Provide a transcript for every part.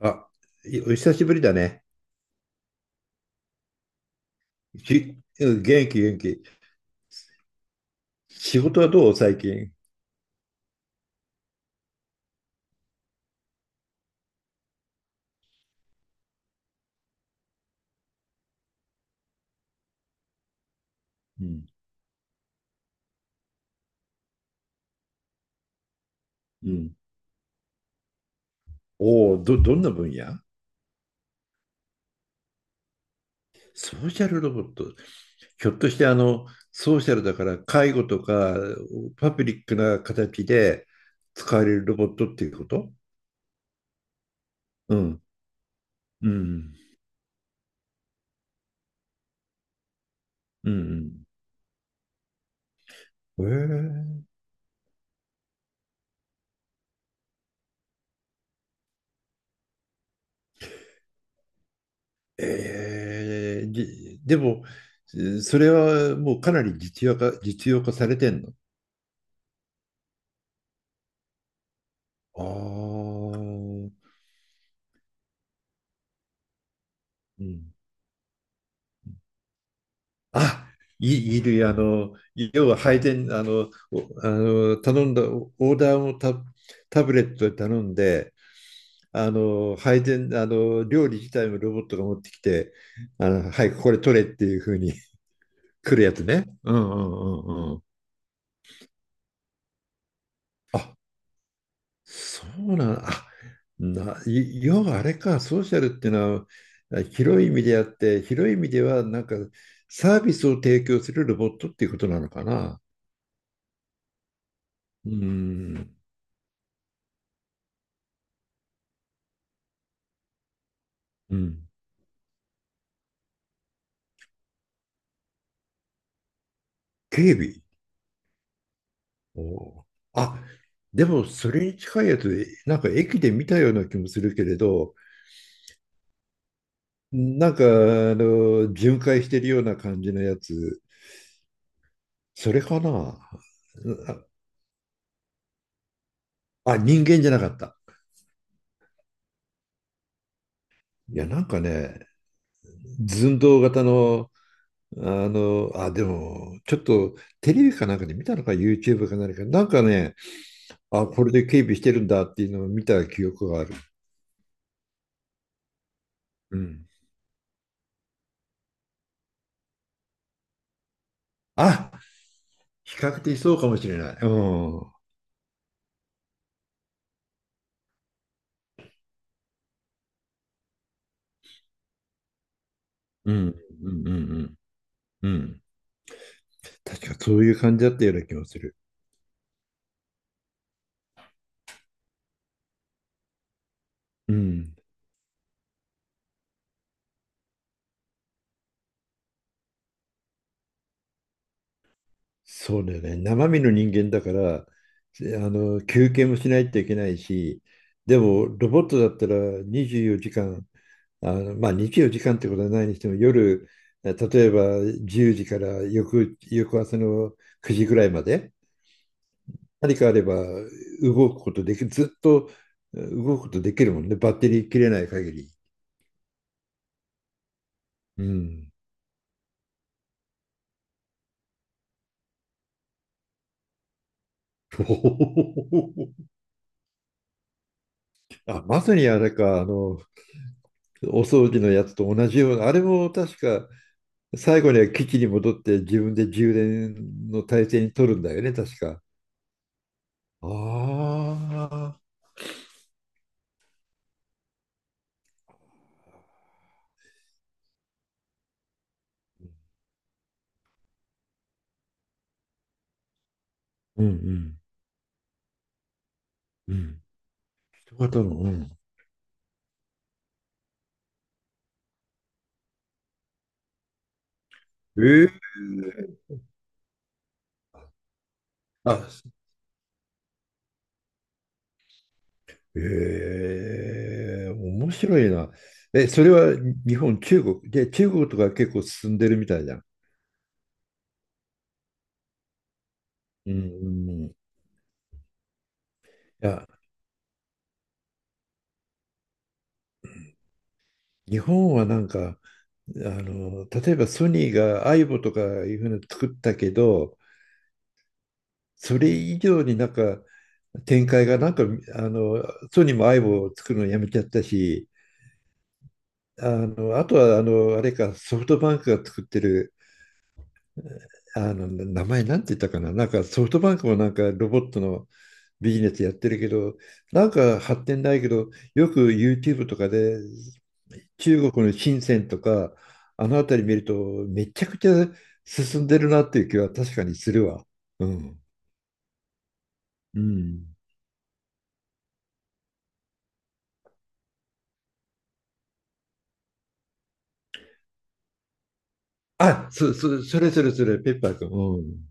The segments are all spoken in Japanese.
あ、お久しぶりだね。き元気元気。仕事はどう最近？うんうん、おお、どんな分野？ソーシャルロボット。ひょっとしてあの、ソーシャルだから介護とかパブリックな形で使われるロボットっていうこと？うん。うん。うんうん。えー、えーじでも、それはもうかなり実用化されてんの？ああ、うん。あ、いる、あの、要は配膳、あの、頼んだ、オーダーもタブレットで頼んで、あの、配膳、あの、料理自体もロボットが持ってきて、あの、はい、これ取れっていう風に 来るやつね。うんうんうんうん。あ、そうなん、あ、な、い要はあれか、ソーシャルっていうのは、広い意味であって、広い意味では、なんか、サービスを提供するロボットっていうことなのかな。うん、うん。警備。おー。あ、でもそれに近いやつで、なんか駅で見たような気もするけれど、なんかあの巡回してるような感じのやつ、それかな。あ、人間じゃなかった。いや、なんかね、寸胴型の、あの、あ、でも、ちょっとテレビかなんかで見たのか、YouTube か何か、なんかね、あ、これで警備してるんだっていうのを見た記憶がある。うん。あ、比較的そうかもしれない。うん。うん、うん、うん、うん。うん、確かそういう感じだったような気もする。うん。そうだよね。生身の人間だから、あの、休憩もしないといけないし、でも、ロボットだったら24時間、あの、まあ24時間ってことはないにしても、夜、例えば10時から翌朝の9時ぐらいまで、何かあれば動くことできる、ずっと動くことできるもんね。バッテリー切れない限り。うん。あ、まさにあれか、あの、お掃除のやつと同じような、あれも確か、最後には基地に戻って自分で充電の体制に取るんだよね、確か。ああ。うんうんうん。人型の、うん。ええ、あ、ええ、面白いな。え、それは日本、中国。で、中国とか結構進んでるみたいじゃん。うんうんうん。いや、日本はなんか、あの、例えばソニーがアイボとかいうふうに作ったけど、それ以上になんか展開がなんか、あの、ソニーもアイボを作るのやめちゃったし、あの、あとはあの、あれか、ソフトバンクが作ってる、あの、名前なんて言ったかな、なんかソフトバンクもなんかロボットのビジネスやってるけど、なんか発展ないけど、よく YouTube とかで中国の深センとか、あの辺り見ると、めちゃくちゃ進んでるなっていう気は確かにするわ。うん。うん。あ、それそれそれ、ペッパー君。うん。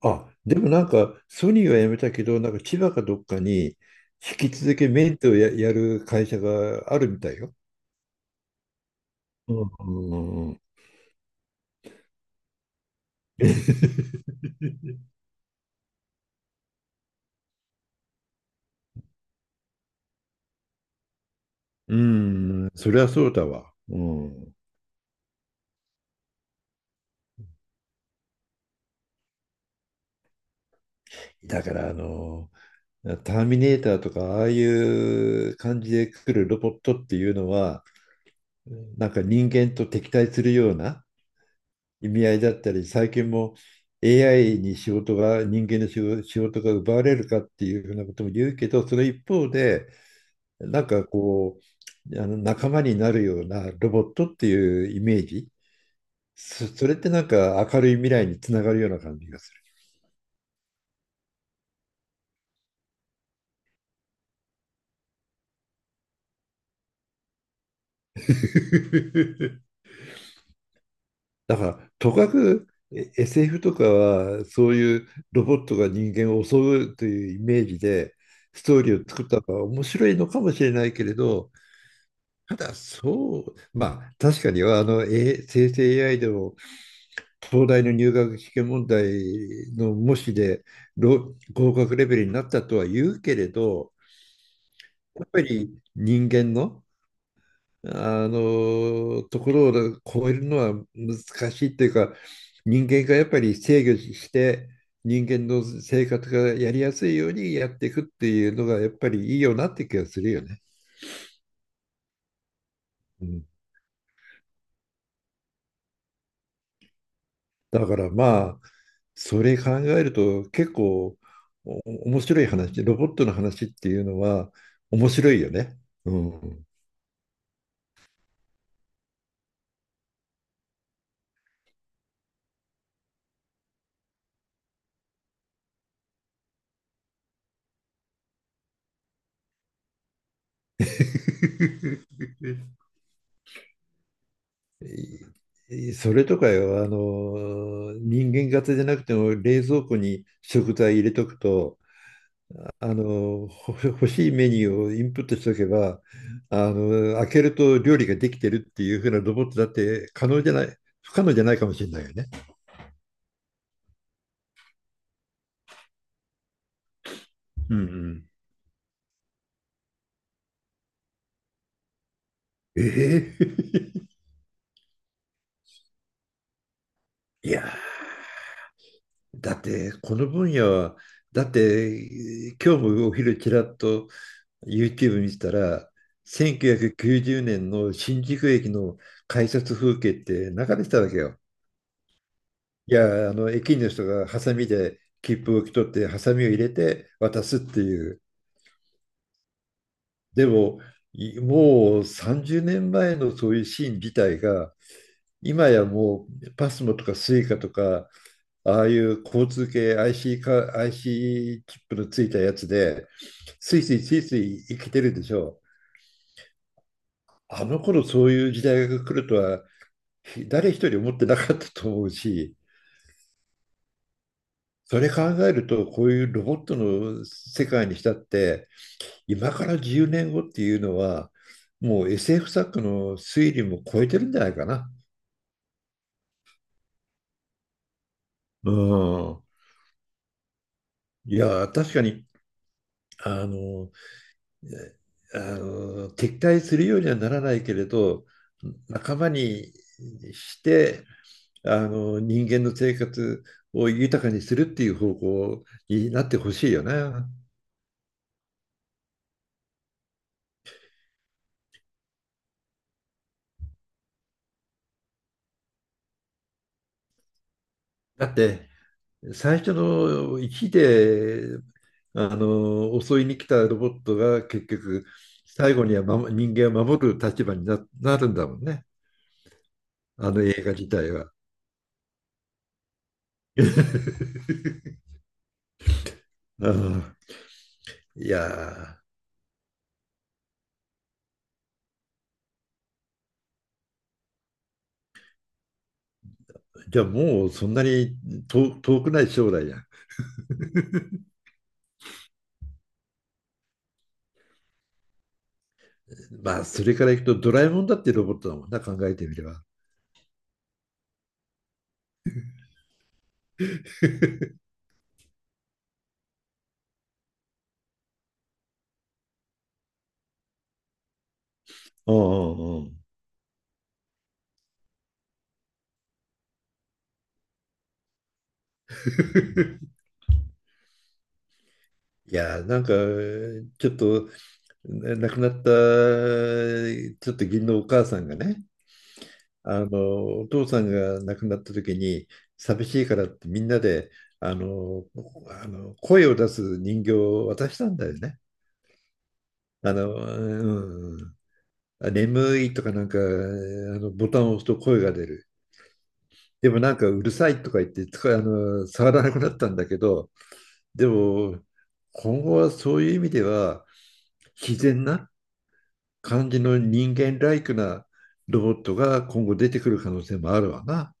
あ、でもなんか、ソニーは辞めたけど、なんか千葉かどっかに、引き続きメンテをやる会社があるみたいよ。うん。うん、うんうん、それはそうだわ。うん。だからあの、ターミネーターとか、ああいう感じで来るロボットっていうのは、なんか人間と敵対するような意味合いだったり、最近も AI に仕事が、人間の仕事が奪われるかっていうふうなことも言うけど、その一方で、なんかこう、あの仲間になるようなロボットっていうイメージ、それってなんか明るい未来につながるような感じがする。だから、とかくSF とかは、そういうロボットが人間を襲うというイメージで、ストーリーを作ったのは面白いのかもしれないけれど、ただそう、まあ確かにはあの、生成 AI でも東大の入学試験問題の模試で合格レベルになったとは言うけれど、やっぱり人間のあのところを超えるのは難しいっていうか、人間がやっぱり制御して人間の生活がやりやすいようにやっていくっていうのがやっぱりいいよなって気がするよね。うん、だからまあそれ考えると結構お面白い話、ロボットの話っていうのは面白いよね。うん。 それとかよ、あの、人間型じゃなくても冷蔵庫に食材入れとくと、あの、欲しいメニューをインプットしとけば、あの、開けると料理ができてるっていう風なロボットだって可能じゃない、不可能じゃないかもしれないよね。うんうん。ええ。 いやー、だってこの分野は、だって今日もお昼ちらっと YouTube 見てたら、1990年の新宿駅の改札風景って流れてたわけよ。いや、あの、駅員の人がハサミで切符を受け取って、ハサミを入れて渡すっていう。でも、もう30年前のそういうシーン自体が、今やもうパスモとかスイカとか、ああいう交通系 IC か、IC チップのついたやつで、スイスイスイスイ生きてるでしょ。あの頃そういう時代が来るとは誰一人思ってなかったと思うし、それ考えると、こういうロボットの世界にしたって、今から10年後っていうのは、もう SF 作家の推理も超えてるんじゃないかな。うん。いや、確かに、あの、あの、敵対するようにはならないけれど、仲間にして、あの、人間の生活を豊かにするっていう方向になってほしいよね。だって、最初の1であの襲いに来たロボットが結局最後には人間を守る立場になるんだもんね、あの映画自体は。ああ、いやー、じゃあもうそんなに遠くない将来や。まあそれからいくとドラえもんだってロボットだもんな、考えてみれば。うんうんうん。いやーなんか、ちょっと亡くなったちょっと義理のお母さんがね、あのお父さんが亡くなった時に寂しいからってみんなであの、あの声を出す人形を渡したんだよね。あの、うん、眠いとかなんかあのボタンを押すと声が出る。でもなんかうるさいとか言ってあの触らなくなったんだけど、でも今後はそういう意味では自然な感じの人間ライクなロボットが今後出てくる可能性もあるわな。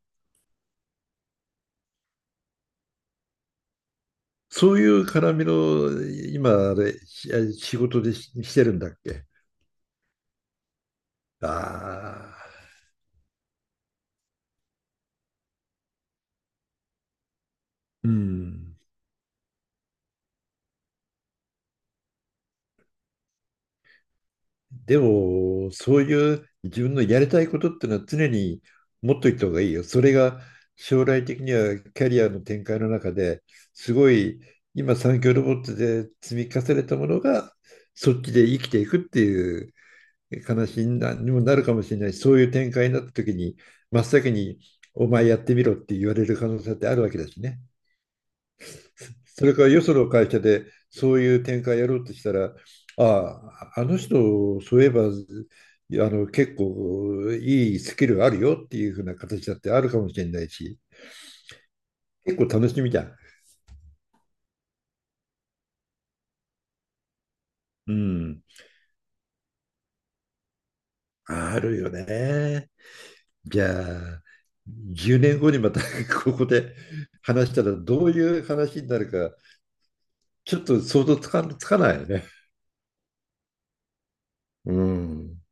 そういう絡みの今あれ仕事でしてるんだっけ？ああ、うん。でも、そういう自分のやりたいことってのは常に持っといた方がいいよ。それが将来的にはキャリアの展開の中ですごい、今産業ロボットで積み重ねたものがそっちで生きていくっていう悲しいなにもなるかもしれないし、そういう展開になった時に、真っ先にお前やってみろって言われる可能性ってあるわけだしね。それからよその会社でそういう展開やろうとしたら、ああ、あの人、そういえば、あの結構いいスキルあるよっていうふうな形だってあるかもしれないし、結構楽しみじゃん。うん、あるよね。じゃあ、10年後にまた ここで話したらどういう話になるか、ちょっと想像つかつかないよね。うん。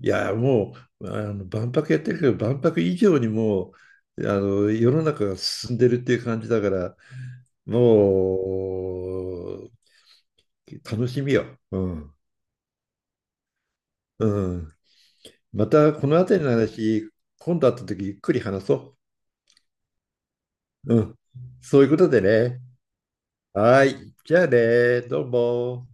いや、もう、あの、万博やってるけど、万博以上に、もう、あの、世の中が進んでるっていう感じだから、もう、楽しみよ。うん。うん。また、このあたりの話、今度会った時、ゆっくり話そう。うん。そういうことでね。はい。じゃあね、どうも。